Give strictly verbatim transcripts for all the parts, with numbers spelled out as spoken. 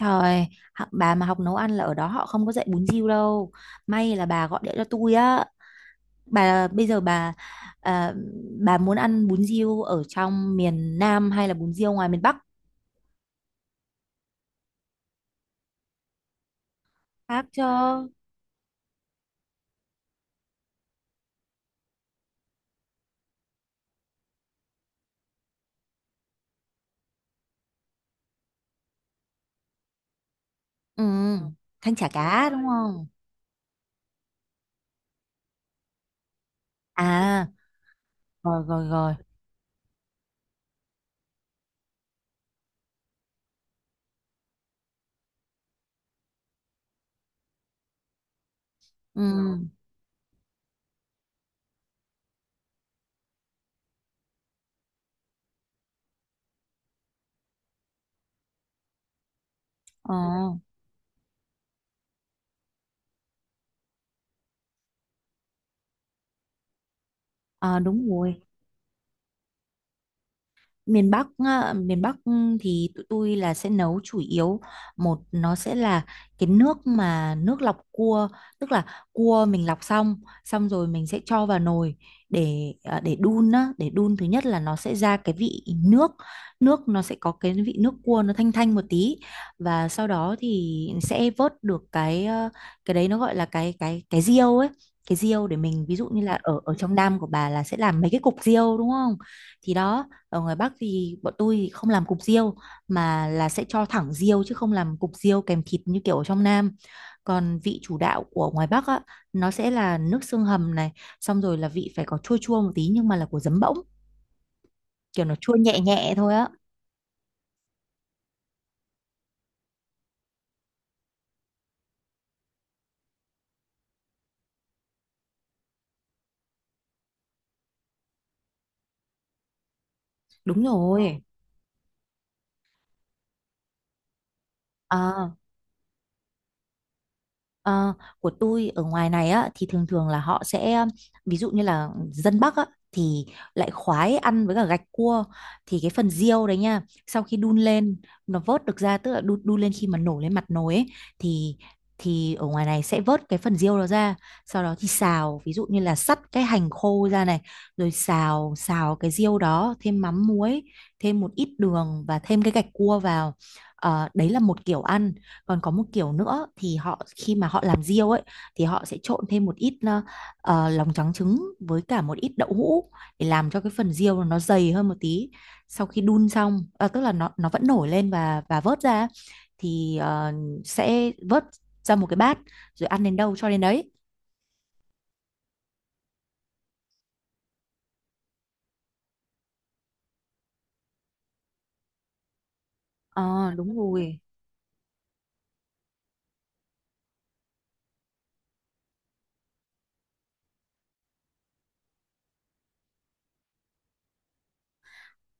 Trời, họ- bà mà học nấu ăn là ở đó họ không có dạy bún riêu đâu. May là bà gọi điện cho tôi á. Bà bây giờ bà à, bà muốn ăn bún riêu ở trong miền Nam hay là bún riêu ngoài miền Bắc? Khác chứ. Ừ, thanh chả cá đúng không? À, rồi rồi rồi. Ừ. Ờ, ờ, đúng rồi. Miền Bắc á, miền Bắc ừ, thì tụi tôi là sẽ nấu chủ yếu. Một nó sẽ là cái nước mà nước lọc cua, tức là cua mình lọc xong, xong rồi mình sẽ cho vào nồi để à, để đun á để đun. Thứ nhất là nó sẽ ra cái vị nước, nước nó sẽ có cái vị nước cua, nó thanh thanh một tí. Và sau đó thì sẽ vớt được cái ờ, cái đấy, nó gọi là cái cái cái riêu ấy. Cái riêu để mình, ví dụ như là ở ở trong Nam của bà là sẽ làm mấy cái cục riêu đúng không, thì đó. Ở ngoài Bắc thì bọn tôi không làm cục riêu, mà là sẽ cho thẳng riêu chứ không làm cục riêu kèm thịt như kiểu ở trong Nam. Còn vị chủ đạo của ngoài Bắc á, nó sẽ là nước xương hầm này, xong rồi là vị phải có chua chua một tí, nhưng mà là của giấm bỗng, kiểu nó chua nhẹ nhẹ thôi á. Đúng Ờ. rồi. À, Ờ, của tôi ở ngoài này á thì thường thường là họ sẽ um, ví dụ như là dân Bắc á thì lại khoái ăn với cả gạch cua. Thì cái phần riêu đấy nha, sau khi đun lên, nó vớt được ra, tức là đun, đun lên khi mà nổ lên mặt nồi ấy, thì thì ở ngoài này sẽ vớt cái phần riêu đó ra. Sau đó thì xào, ví dụ như là sắt cái hành khô ra này, rồi xào xào cái riêu đó, thêm mắm muối, thêm một ít đường và thêm cái gạch cua vào. Ờ, đấy là một kiểu ăn. Còn có một kiểu nữa thì họ, khi mà họ làm riêu ấy, thì họ sẽ trộn thêm một ít ờ, ờ, lòng trắng trứng với cả một ít đậu hũ để làm cho cái phần riêu nó dày hơn một tí. Sau khi đun xong ờ, tức là nó nó vẫn nổi lên và và vớt ra, thì ờ, sẽ vớt ra một cái bát, rồi ăn đến đâu cho đến đấy. Ờ đúng rồi.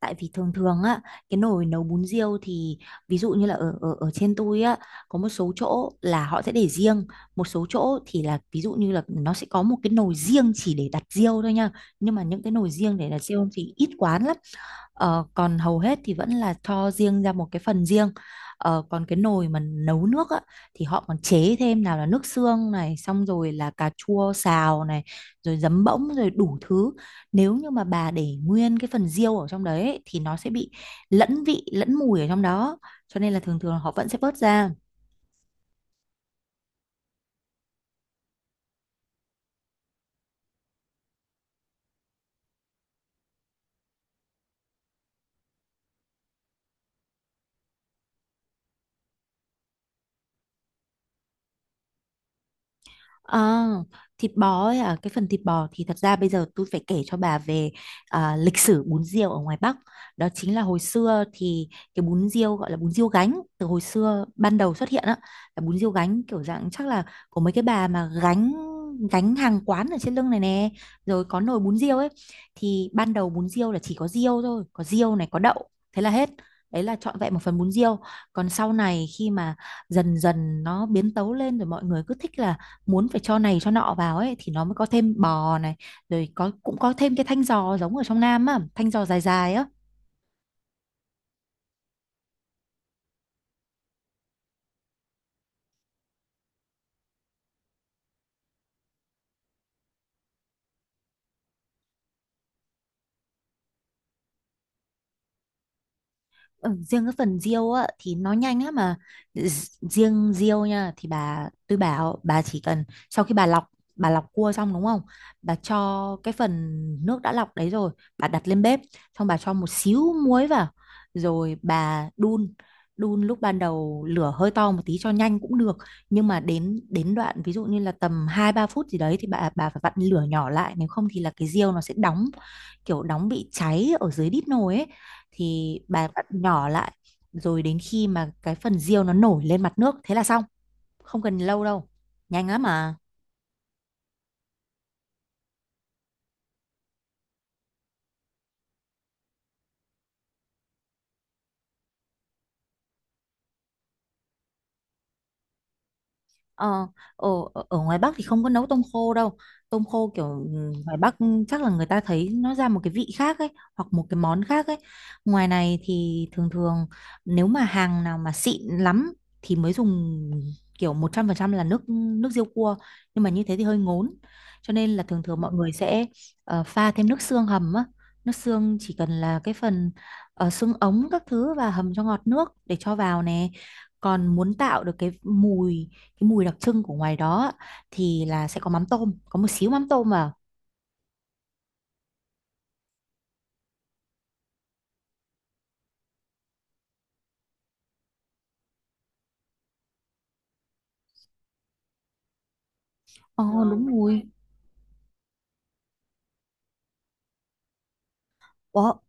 Tại vì thường thường á, cái nồi nấu bún riêu thì, ví dụ như là ở ở ở trên tôi á, có một số chỗ là họ sẽ để riêng, một số chỗ thì là ví dụ như là nó sẽ có một cái nồi riêng chỉ để đặt riêu thôi nha, nhưng mà những cái nồi riêng để đặt riêu thì ít quán lắm. Ờ, còn hầu hết thì vẫn là cho riêng ra một cái phần riêng. Ờ, còn cái nồi mà nấu nước á, thì họ còn chế thêm nào là nước xương này, xong rồi là cà chua xào này, rồi giấm bỗng, rồi đủ thứ. Nếu như mà bà để nguyên cái phần riêu ở trong đấy ấy, thì nó sẽ bị lẫn vị, lẫn mùi ở trong đó. Cho nên là thường thường họ vẫn sẽ vớt ra. Ờ, Thịt bò ấy à, cái phần thịt bò thì thật ra bây giờ tôi phải kể cho bà về à, lịch sử bún riêu ở ngoài Bắc. Đó chính là hồi xưa thì cái bún riêu gọi là bún riêu gánh. Từ hồi xưa ban đầu xuất hiện á, là bún riêu gánh, kiểu dạng chắc là của mấy cái bà mà gánh, gánh hàng quán ở trên lưng này nè, rồi có nồi bún riêu ấy. Thì ban đầu bún riêu là chỉ có riêu thôi, có riêu này, có đậu, thế là hết. Đấy là trọn vẹn một phần bún riêu. Còn sau này khi mà dần dần nó biến tấu lên, rồi mọi người cứ thích là muốn phải cho này cho nọ vào ấy, thì nó mới có thêm bò này, rồi có, cũng có thêm cái thanh giò giống ở trong Nam á, thanh giò dài dài á. Ừ, riêng cái phần riêu á thì nó nhanh á mà. Z- riêng riêu nha, thì bà tôi bảo bà chỉ cần, sau khi bà lọc bà lọc cua xong đúng không, bà cho cái phần nước đã lọc đấy rồi, bà đặt lên bếp, xong bà cho một xíu muối vào, rồi bà đun. Đun lúc ban đầu lửa hơi to một tí cho nhanh cũng được, nhưng mà đến đến đoạn ví dụ như là tầm hai ba phút gì đấy thì bà bà phải vặn lửa nhỏ lại, nếu không thì là cái riêu nó sẽ đóng, kiểu đóng bị cháy ở dưới đít nồi ấy, thì bà vặn nhỏ lại, rồi đến khi mà cái phần riêu nó nổi lên mặt nước thế là xong. Không cần lâu đâu, nhanh lắm mà. Ờ, ở, Ở ngoài Bắc thì không có nấu tôm khô đâu. Tôm khô kiểu ừ, ngoài Bắc chắc là người ta thấy nó ra một cái vị khác ấy, hoặc một cái món khác ấy. Ngoài này thì thường thường nếu mà hàng nào mà xịn lắm thì mới dùng kiểu một trăm phần trăm là nước nước riêu cua. Nhưng mà như thế thì hơi ngốn. Cho nên là thường thường mọi người sẽ ờ, pha thêm nước xương hầm á. Nước xương chỉ cần là cái phần ờ, xương ống các thứ và hầm cho ngọt nước để cho vào nè. Còn muốn tạo được cái mùi cái mùi đặc trưng của ngoài đó á, thì là sẽ có mắm tôm, có một xíu mắm tôm vào. Ồ Ờ, đúng mùi rồi.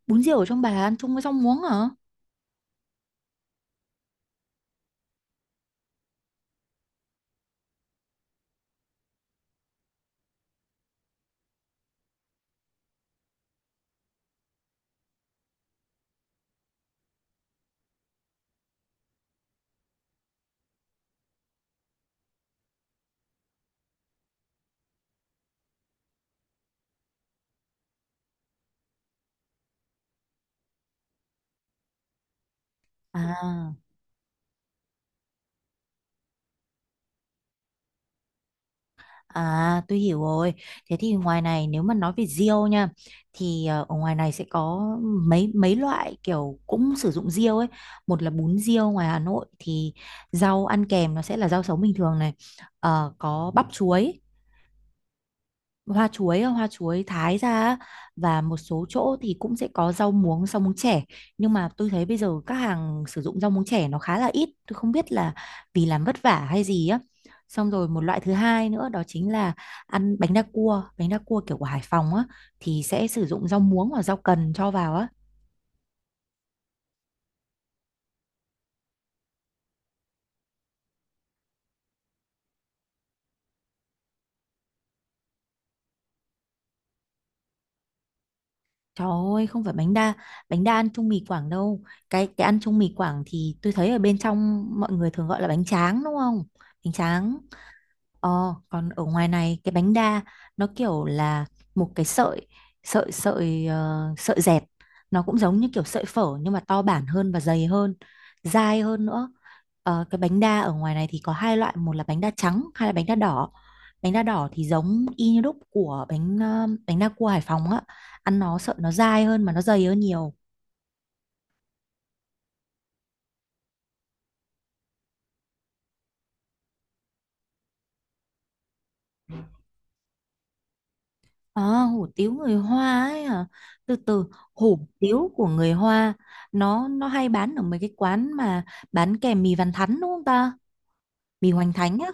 Bún riêu ở trong bà ăn chung với rau muống hả? Ừ. À, à, tôi hiểu rồi. Thế thì ngoài này nếu mà nói về riêu nha, thì ờ, ở ngoài này sẽ có mấy mấy loại kiểu cũng sử dụng riêu ấy. Một là bún riêu ngoài Hà Nội thì rau ăn kèm nó sẽ là rau sống bình thường này. Ờ, có bắp chuối, hoa chuối hoa chuối thái ra á, và một số chỗ thì cũng sẽ có rau muống rau muống chẻ, nhưng mà tôi thấy bây giờ các hàng sử dụng rau muống chẻ nó khá là ít, tôi không biết là vì làm vất vả hay gì á. Xong rồi một loại thứ hai nữa đó chính là ăn bánh đa cua bánh đa cua kiểu của Hải Phòng á, thì sẽ sử dụng rau muống hoặc rau cần cho vào á. Trời ơi, không phải bánh đa bánh đa ăn chung mì Quảng đâu. Cái cái ăn chung mì Quảng thì tôi thấy ở bên trong mọi người thường gọi là bánh tráng đúng không? Bánh tráng. Ờ, còn ở ngoài này cái bánh đa nó kiểu là một cái sợi sợi sợi ờ, sợi dẹt, nó cũng giống như kiểu sợi phở nhưng mà to bản hơn và dày hơn, dai hơn nữa. Ờ, cái bánh đa ở ngoài này thì có hai loại, một là bánh đa trắng, hai là bánh đa đỏ. Bánh đa đỏ thì giống y như đúc của bánh ờ, bánh đa cua Hải Phòng á, ăn nó sợ nó dai hơn mà nó dày hơn nhiều. À, hủ tiếu người Hoa ấy hả? Từ từ, hủ tiếu của người Hoa, nó nó hay bán ở mấy cái quán mà bán kèm mì Văn Thắn đúng không ta? Mì Hoành Thánh á.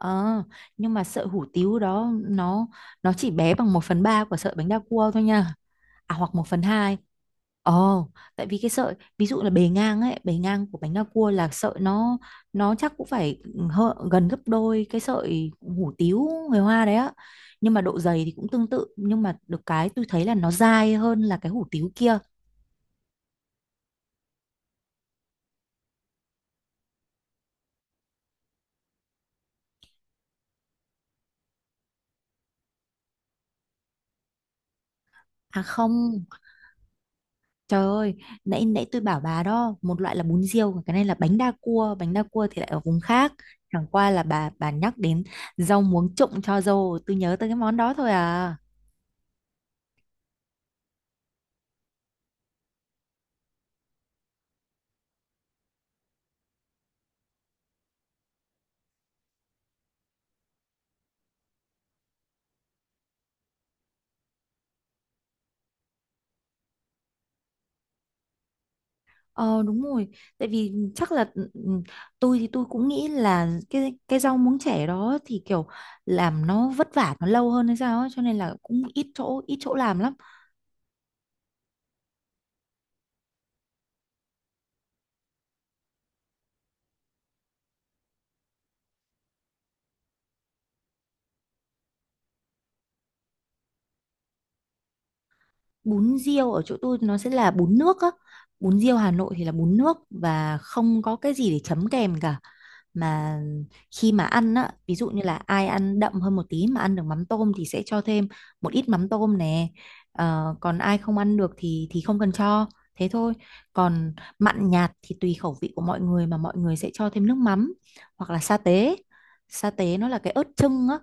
Ờ, nhưng mà sợi hủ tiếu đó, nó nó chỉ bé bằng một phần ba của sợi bánh đa cua thôi nha. À, hoặc một phần hai. Ồ, tại vì cái sợi ví dụ là bề ngang ấy, bề ngang của bánh đa cua là sợi nó nó chắc cũng phải ừ, hơ, gần gấp đôi cái sợi hủ tiếu người Hoa đấy á. Nhưng mà độ dày thì cũng tương tự, nhưng mà được cái tôi thấy là nó dai hơn là cái hủ tiếu kia. À không, trời ơi, nãy nãy tôi bảo bà đó, một loại là bún riêu, còn cái này là bánh đa cua, bánh đa cua thì lại ở vùng khác. Chẳng qua là bà bà nhắc đến rau muống trụng cho dâu, tôi nhớ tới cái món đó thôi à. Ờ đúng rồi, tại vì chắc là ừ, ừ, tôi thì tôi cũng nghĩ là cái cái rau muống trẻ đó thì kiểu làm nó vất vả nó lâu hơn hay sao ấy, cho nên là cũng ít chỗ ít chỗ làm lắm. Bún riêu ở chỗ tôi nó sẽ là bún nước á. Bún riêu Hà Nội thì là bún nước và không có cái gì để chấm kèm cả, mà khi mà ăn á, ví dụ như là ai ăn đậm hơn một tí mà ăn được mắm tôm thì sẽ cho thêm một ít mắm tôm nè. Ờ, còn ai không ăn được thì thì không cần cho, thế thôi. Còn mặn nhạt thì tùy khẩu vị của mọi người mà mọi người sẽ cho thêm nước mắm hoặc là sa tế. Sa tế nó là cái ớt chưng á.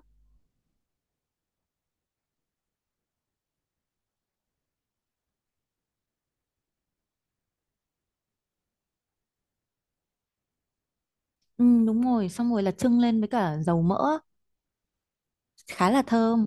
Ừ, đúng rồi, xong rồi là chưng lên với cả dầu mỡ á. Khá là thơm.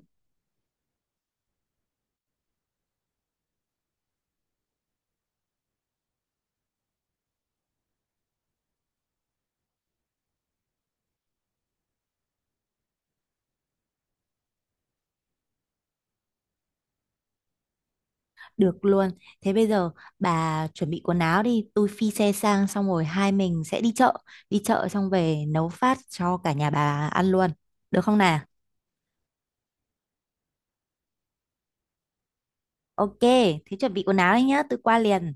Được luôn. Thế bây giờ bà chuẩn bị quần áo đi, tôi phi xe sang xong rồi hai mình sẽ đi chợ, đi chợ xong về nấu phát cho cả nhà bà ăn luôn. Được không nào? Ok, thế chuẩn bị quần áo đi nhá, tôi qua liền.